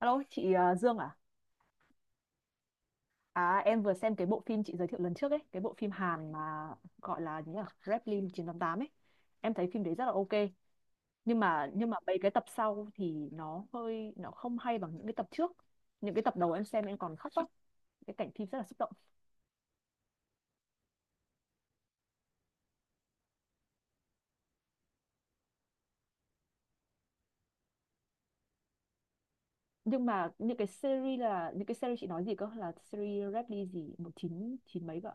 Alo, chị Dương à? À, em vừa xem cái bộ phim chị giới thiệu lần trước ấy, cái bộ phim Hàn mà gọi là gì nhỉ? Gremlin 988 ấy. Em thấy phim đấy rất là ok, nhưng mà mấy cái tập sau thì nó không hay bằng những cái tập trước. Những cái tập đầu em xem em còn khóc lắm, cái cảnh phim rất là xúc động. Nhưng mà những cái series là những cái series chị nói gì cơ, là series Gremlin gì 19 chín chín mấy cơ ạ?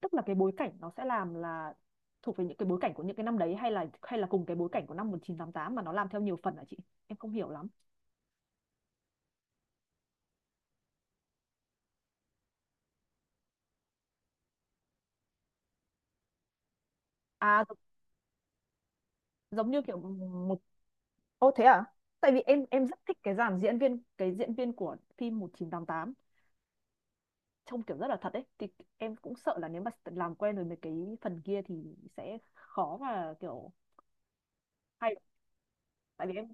Tức là cái bối cảnh nó sẽ làm là thuộc về những cái bối cảnh của những cái năm đấy hay là cùng cái bối cảnh của năm 1988 mà nó làm theo nhiều phần hả chị? Em không hiểu lắm. À, giống giống như kiểu một ô, thế à? Tại vì em rất thích cái dàn diễn viên, cái diễn viên của phim 1988 trông kiểu rất là thật ấy, thì em cũng sợ là nếu mà làm quen rồi mấy cái phần kia thì sẽ khó mà kiểu hay, tại vì em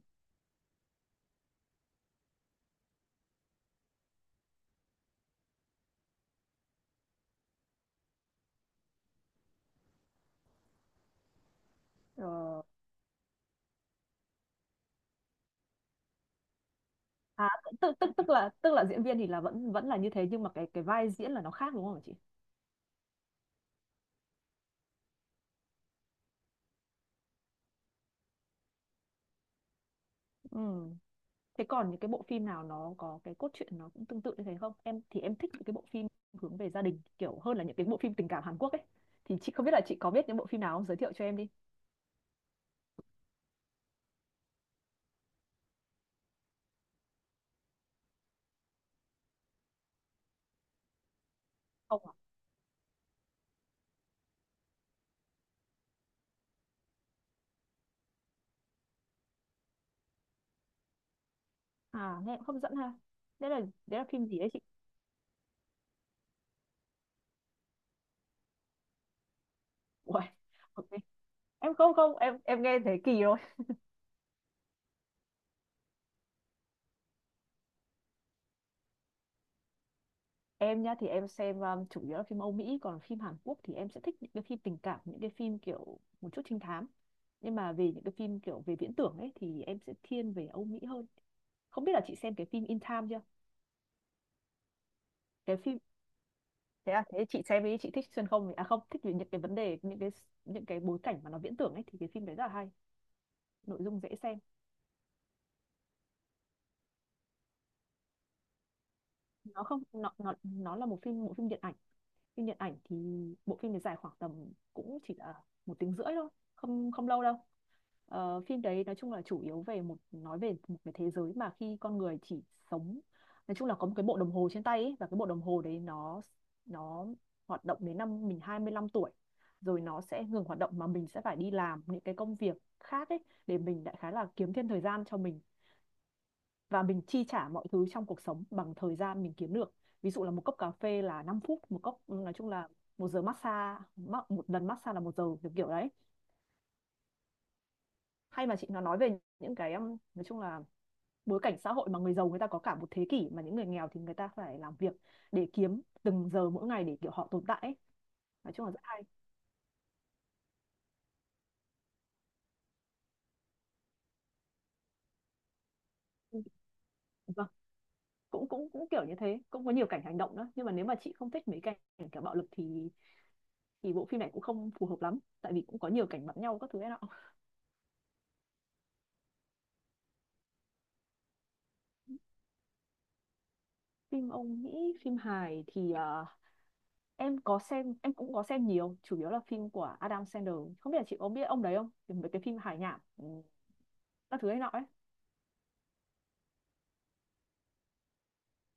ờ, à, tức tức tức là diễn viên thì là vẫn vẫn là như thế nhưng mà cái vai diễn là nó khác đúng không hả chị? Ừ. Thế còn những cái bộ phim nào nó có cái cốt truyện nó cũng tương tự như thế không? Em thì em thích những cái bộ phim hướng về gia đình kiểu hơn là những cái bộ phim tình cảm Hàn Quốc ấy. Thì chị không biết là chị có biết những bộ phim nào không? Giới thiệu cho em đi. Không à? À, nghe cũng hấp dẫn ha. Đấy là đấy là phim gì đấy chị? Uầy, ok. Em không không, em nghe thấy kỳ rồi. Em nhá thì em xem chủ yếu là phim Âu Mỹ, còn phim Hàn Quốc thì em sẽ thích những cái phim tình cảm, những cái phim kiểu một chút trinh thám. Nhưng mà về những cái phim kiểu về viễn tưởng ấy thì em sẽ thiên về Âu Mỹ hơn. Không biết là chị xem cái phim In Time chưa? Cái phim Thế à? Thế chị xem đi, chị thích xuyên không à không, thích về những cái vấn đề những cái bối cảnh mà nó viễn tưởng ấy thì cái phim đấy rất là hay, nội dung dễ xem. Nó không nó nó nó là một phim bộ phim điện ảnh, phim điện ảnh thì bộ phim này dài khoảng tầm cũng chỉ là một tiếng rưỡi thôi, không không lâu đâu. Phim đấy nói chung là chủ yếu về nói về một cái thế giới mà khi con người chỉ sống, nói chung là có một cái bộ đồng hồ trên tay ấy, và cái bộ đồng hồ đấy nó hoạt động đến năm mình 25 tuổi rồi nó sẽ ngừng hoạt động mà mình sẽ phải đi làm những cái công việc khác ấy, để mình đại khái là kiếm thêm thời gian cho mình và mình chi trả mọi thứ trong cuộc sống bằng thời gian mình kiếm được. Ví dụ là một cốc cà phê là 5 phút một cốc, nói chung là một giờ massage một lần massage là một giờ, kiểu kiểu đấy. Hay mà chị, nó nói về những cái nói chung là bối cảnh xã hội mà người giàu người ta có cả một thế kỷ mà những người nghèo thì người ta phải làm việc để kiếm từng giờ mỗi ngày để kiểu họ tồn tại ấy. Nói chung là rất hay. Ừ. Vâng, cũng cũng cũng kiểu như thế, cũng có nhiều cảnh hành động nữa nhưng mà nếu mà chị không thích mấy cảnh kiểu bạo lực thì bộ phim này cũng không phù hợp lắm tại vì cũng có nhiều cảnh bắn nhau các thứ ấy nọ. Phim Âu Mỹ phim hài thì em có xem, em cũng có xem nhiều, chủ yếu là phim của Adam Sandler, không biết là chị có biết ông đấy không? Thì mấy cái phim hài nhảm các thứ ấy nọ ấy.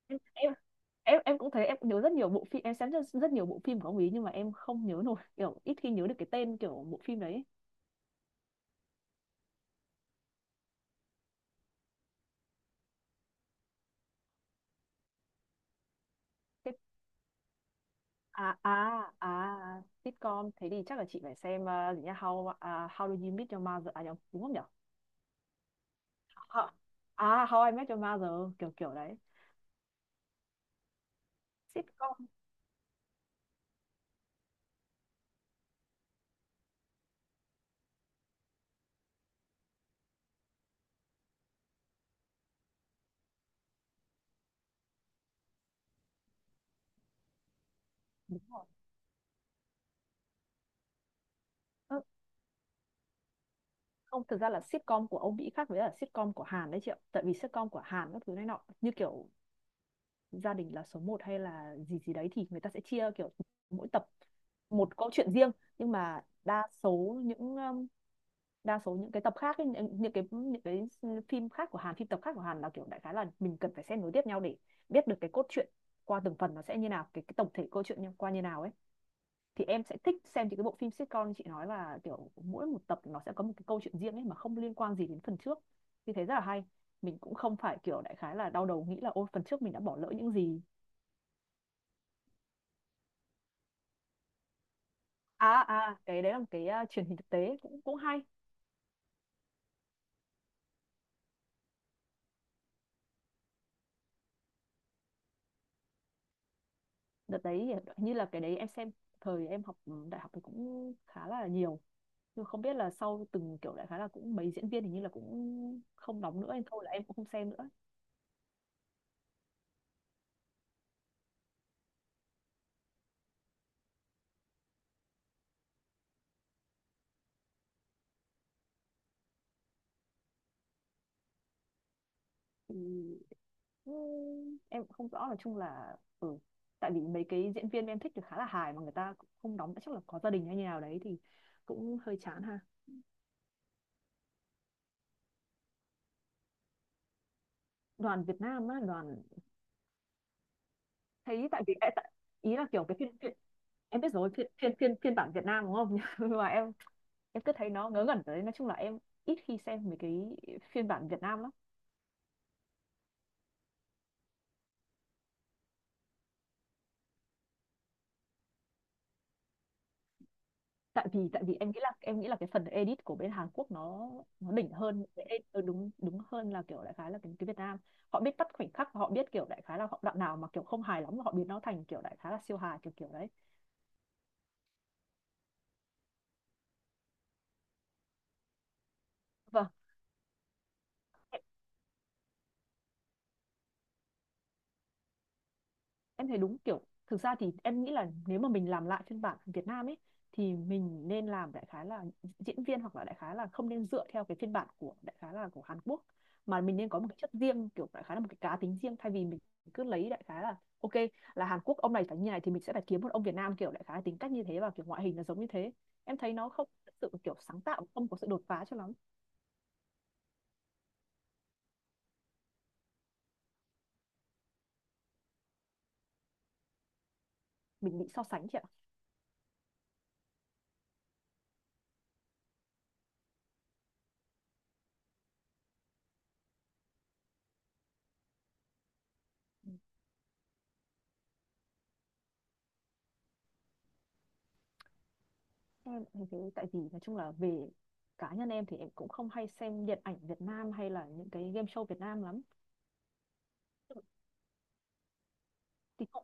Em em em em cũng thấy em nhớ rất nhiều bộ phim, em xem rất, rất nhiều bộ phim của ông ấy nhưng mà em không nhớ nổi, kiểu ít khi nhớ được cái tên kiểu bộ phim đấy. Thế- À à à, sitcom, thế thì chắc là chị phải xem gì nhá, how how do you meet your mother, à nhầm, đúng không nhở? Ho- how I met your mother, kiểu kiểu đấy. Sitcom. Đúng rồi. Ơ, không, thực ra là sitcom của Âu Mỹ khác với là sitcom của Hàn đấy chị ạ, tại vì sitcom của Hàn các thứ này nọ như kiểu gia đình là số một hay là gì gì đấy thì người ta sẽ chia kiểu mỗi tập một câu chuyện riêng, nhưng mà đa số những cái tập khác ấy, những cái phim tập khác của Hàn là kiểu đại khái là mình cần phải xem nối tiếp nhau để biết được cái cốt truyện qua từng phần, nó sẽ như nào, cái tổng thể câu chuyện qua như nào ấy, thì em sẽ thích xem những cái bộ phim sitcom như chị nói là kiểu mỗi một tập nó sẽ có một cái câu chuyện riêng ấy mà không liên quan gì đến phần trước, thì thấy rất là hay, mình cũng không phải kiểu đại khái là đau đầu nghĩ là ôi phần trước mình đã bỏ lỡ những gì. À à, cái đấy là một cái truyền hình thực tế, cũng cũng hay. Đợt đấy thì như là cái đấy em xem thời em học đại học thì cũng khá là nhiều, nhưng không biết là sau từng kiểu đại khái là cũng mấy diễn viên hình như là cũng không đóng nữa nên thôi là em cũng không xem nữa. Thì ừ, em cũng không rõ, nói chung là ừ, tại vì mấy cái diễn viên em thích thì khá là hài mà người ta cũng không đóng, chắc là có gia đình hay như nào đấy thì cũng hơi chán ha. Đoàn Việt Nam á? Đoàn, thấy tại vì ý là kiểu cái phim, em biết rồi, phiên phiên phiên phiên bản Việt Nam đúng không? Nhưng mà em cứ thấy nó ngớ ngẩn đấy, nói chung là em ít khi xem mấy cái phiên bản Việt Nam lắm. Tại vì em nghĩ là cái phần edit của bên Hàn Quốc nó đỉnh hơn đúng, đúng hơn là kiểu đại khái là cái Việt Nam, họ biết bắt khoảnh khắc, họ biết kiểu đại khái là họ đoạn nào mà kiểu không hài lắm họ biến nó thành kiểu đại khái là siêu hài, kiểu kiểu đấy. Vâng. Em thấy đúng kiểu, thực ra thì em nghĩ là nếu mà mình làm lại phiên bản Việt Nam ấy thì mình nên làm đại khái là diễn viên hoặc là đại khái là không nên dựa theo cái phiên bản của đại khái là của Hàn Quốc, mà mình nên có một cái chất riêng kiểu đại khái là một cái cá tính riêng, thay vì mình cứ lấy đại khái là ok là Hàn Quốc ông này phải như này thì mình sẽ phải kiếm một ông Việt Nam kiểu đại khái tính cách như thế và kiểu ngoại hình là giống như thế. Em thấy nó không thực sự kiểu sáng tạo, không có sự đột phá cho lắm. Mình bị so sánh chị ạ. Em thấy thế, tại vì nói chung là về cá nhân em thì em cũng không hay xem điện ảnh Việt Nam hay là những cái game show Việt Nam lắm. Thì cũng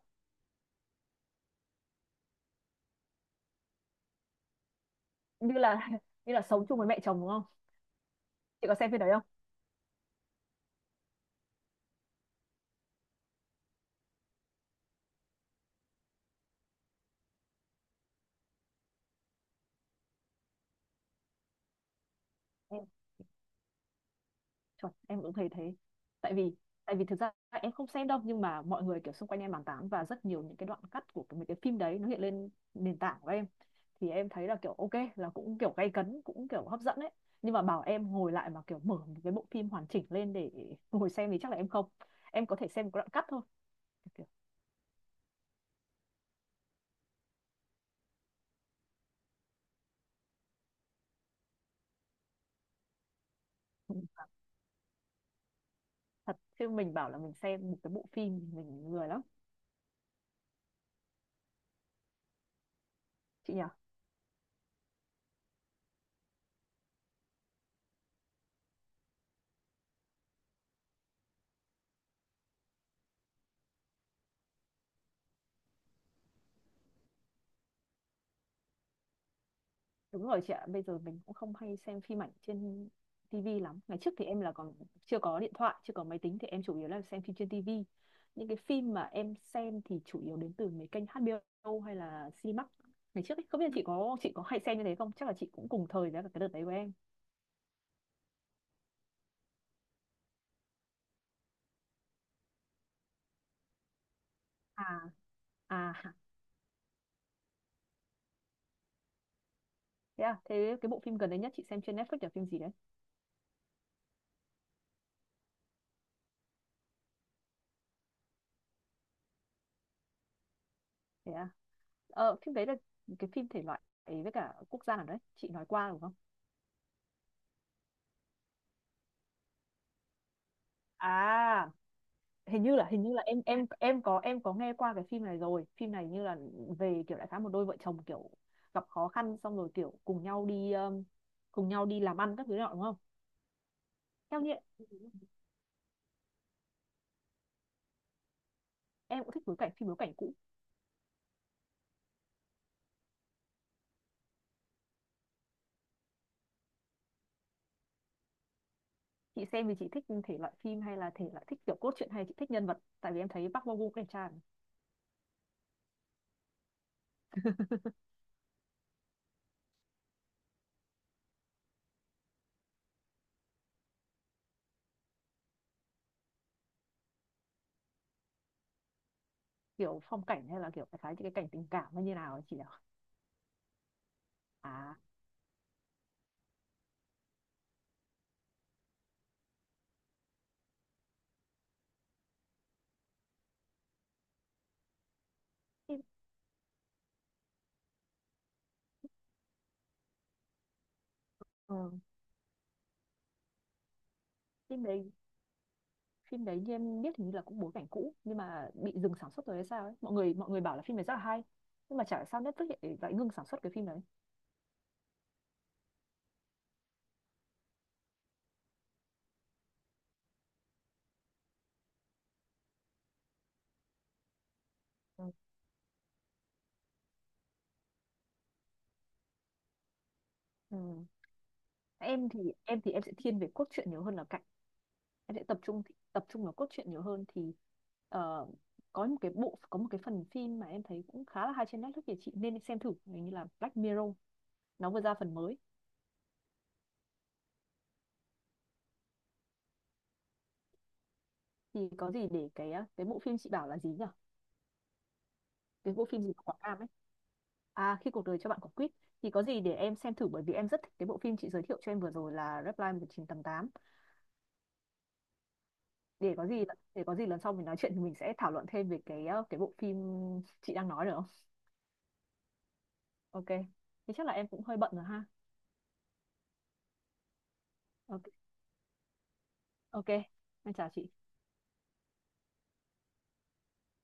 như là như là sống chung với mẹ chồng đúng không? Chị có xem phim đấy không? Em chuẩn, em cũng thấy thế. Tại vì tại vì thực ra em không xem đâu nhưng mà mọi người kiểu xung quanh em bàn tán và rất nhiều những cái đoạn cắt mấy cái phim đấy nó hiện lên nền tảng của em, thì em thấy là kiểu ok là cũng kiểu gay cấn cũng kiểu hấp dẫn ấy, nhưng mà bảo em ngồi lại mà kiểu mở một cái bộ phim hoàn chỉnh lên để ngồi xem thì chắc là em không. Em có thể xem một cái đoạn cắt thôi, kiểu, ừ, thật chứ mình bảo là mình xem một cái bộ phim thì mình lười lắm chị nhỉ. Đúng rồi chị ạ, bây giờ mình cũng không hay xem phim ảnh trên tivi lắm. Ngày trước thì em là còn chưa có điện thoại, chưa có máy tính thì em chủ yếu là xem phim trên tivi. Những cái phim mà em xem thì chủ yếu đến từ mấy kênh HBO hay là Cinemax ngày trước ấy. Không biết là chị có, chị có hay xem như thế không, chắc là chị cũng cùng thời với cả cái đợt đấy của em. À à, thế à? Thế cái bộ phim gần đây nhất chị xem trên Netflix là phim gì đấy? Thế à? Ờ, phim đấy là cái phim thể loại ấy với cả quốc gia nào đấy chị nói qua đúng không? À, hình như là có, em có nghe qua cái phim này rồi. Phim này như là về kiểu đại khái một đôi vợ chồng kiểu gặp khó khăn xong rồi kiểu cùng nhau đi làm ăn các thứ đó đúng không? Theo như em cũng thích bối cảnh cũ. Chị xem thì chị thích thể loại phim hay là thể loại thích kiểu cốt truyện hay chị thích nhân vật? Tại vì em thấy Park Bo Gum cũng đẹp trai mà. Kiểu phong cảnh hay là kiểu đại khái những cái cảnh tình cảm hay như nào ấy chị nhỉ? À, phim, ờ, phim đấy phim đấy như em biết hình như là cũng bối cảnh cũ nhưng mà bị dừng sản xuất rồi hay sao ấy, mọi người bảo là phim này rất là hay, nhưng mà chả hiểu sao Netflix lại ngưng sản xuất cái phim đấy. Ừ. Ừ. em thì em sẽ thiên về cốt truyện nhiều hơn là cảnh. Em sẽ tập trung vào cốt truyện nhiều hơn thì ờ, có một cái phần phim mà em thấy cũng khá là hay trên Netflix thì chị nên xem thử, hình như là Black Mirror, nó vừa ra phần mới. Thì có gì để cái bộ phim chị bảo là gì nhỉ, cái bộ phim gì của Quảng Nam ấy. À, khi cuộc đời cho bạn quả quýt, thì có gì để em xem thử, bởi vì em rất thích cái bộ phim chị giới thiệu cho em vừa rồi là Reply 1988. Để có gì để có gì lần sau mình nói chuyện thì mình sẽ thảo luận thêm về cái cái bộ phim chị đang nói được không? Ok. Thì chắc là em cũng hơi bận rồi ha. Ok. Ok. Em chào chị.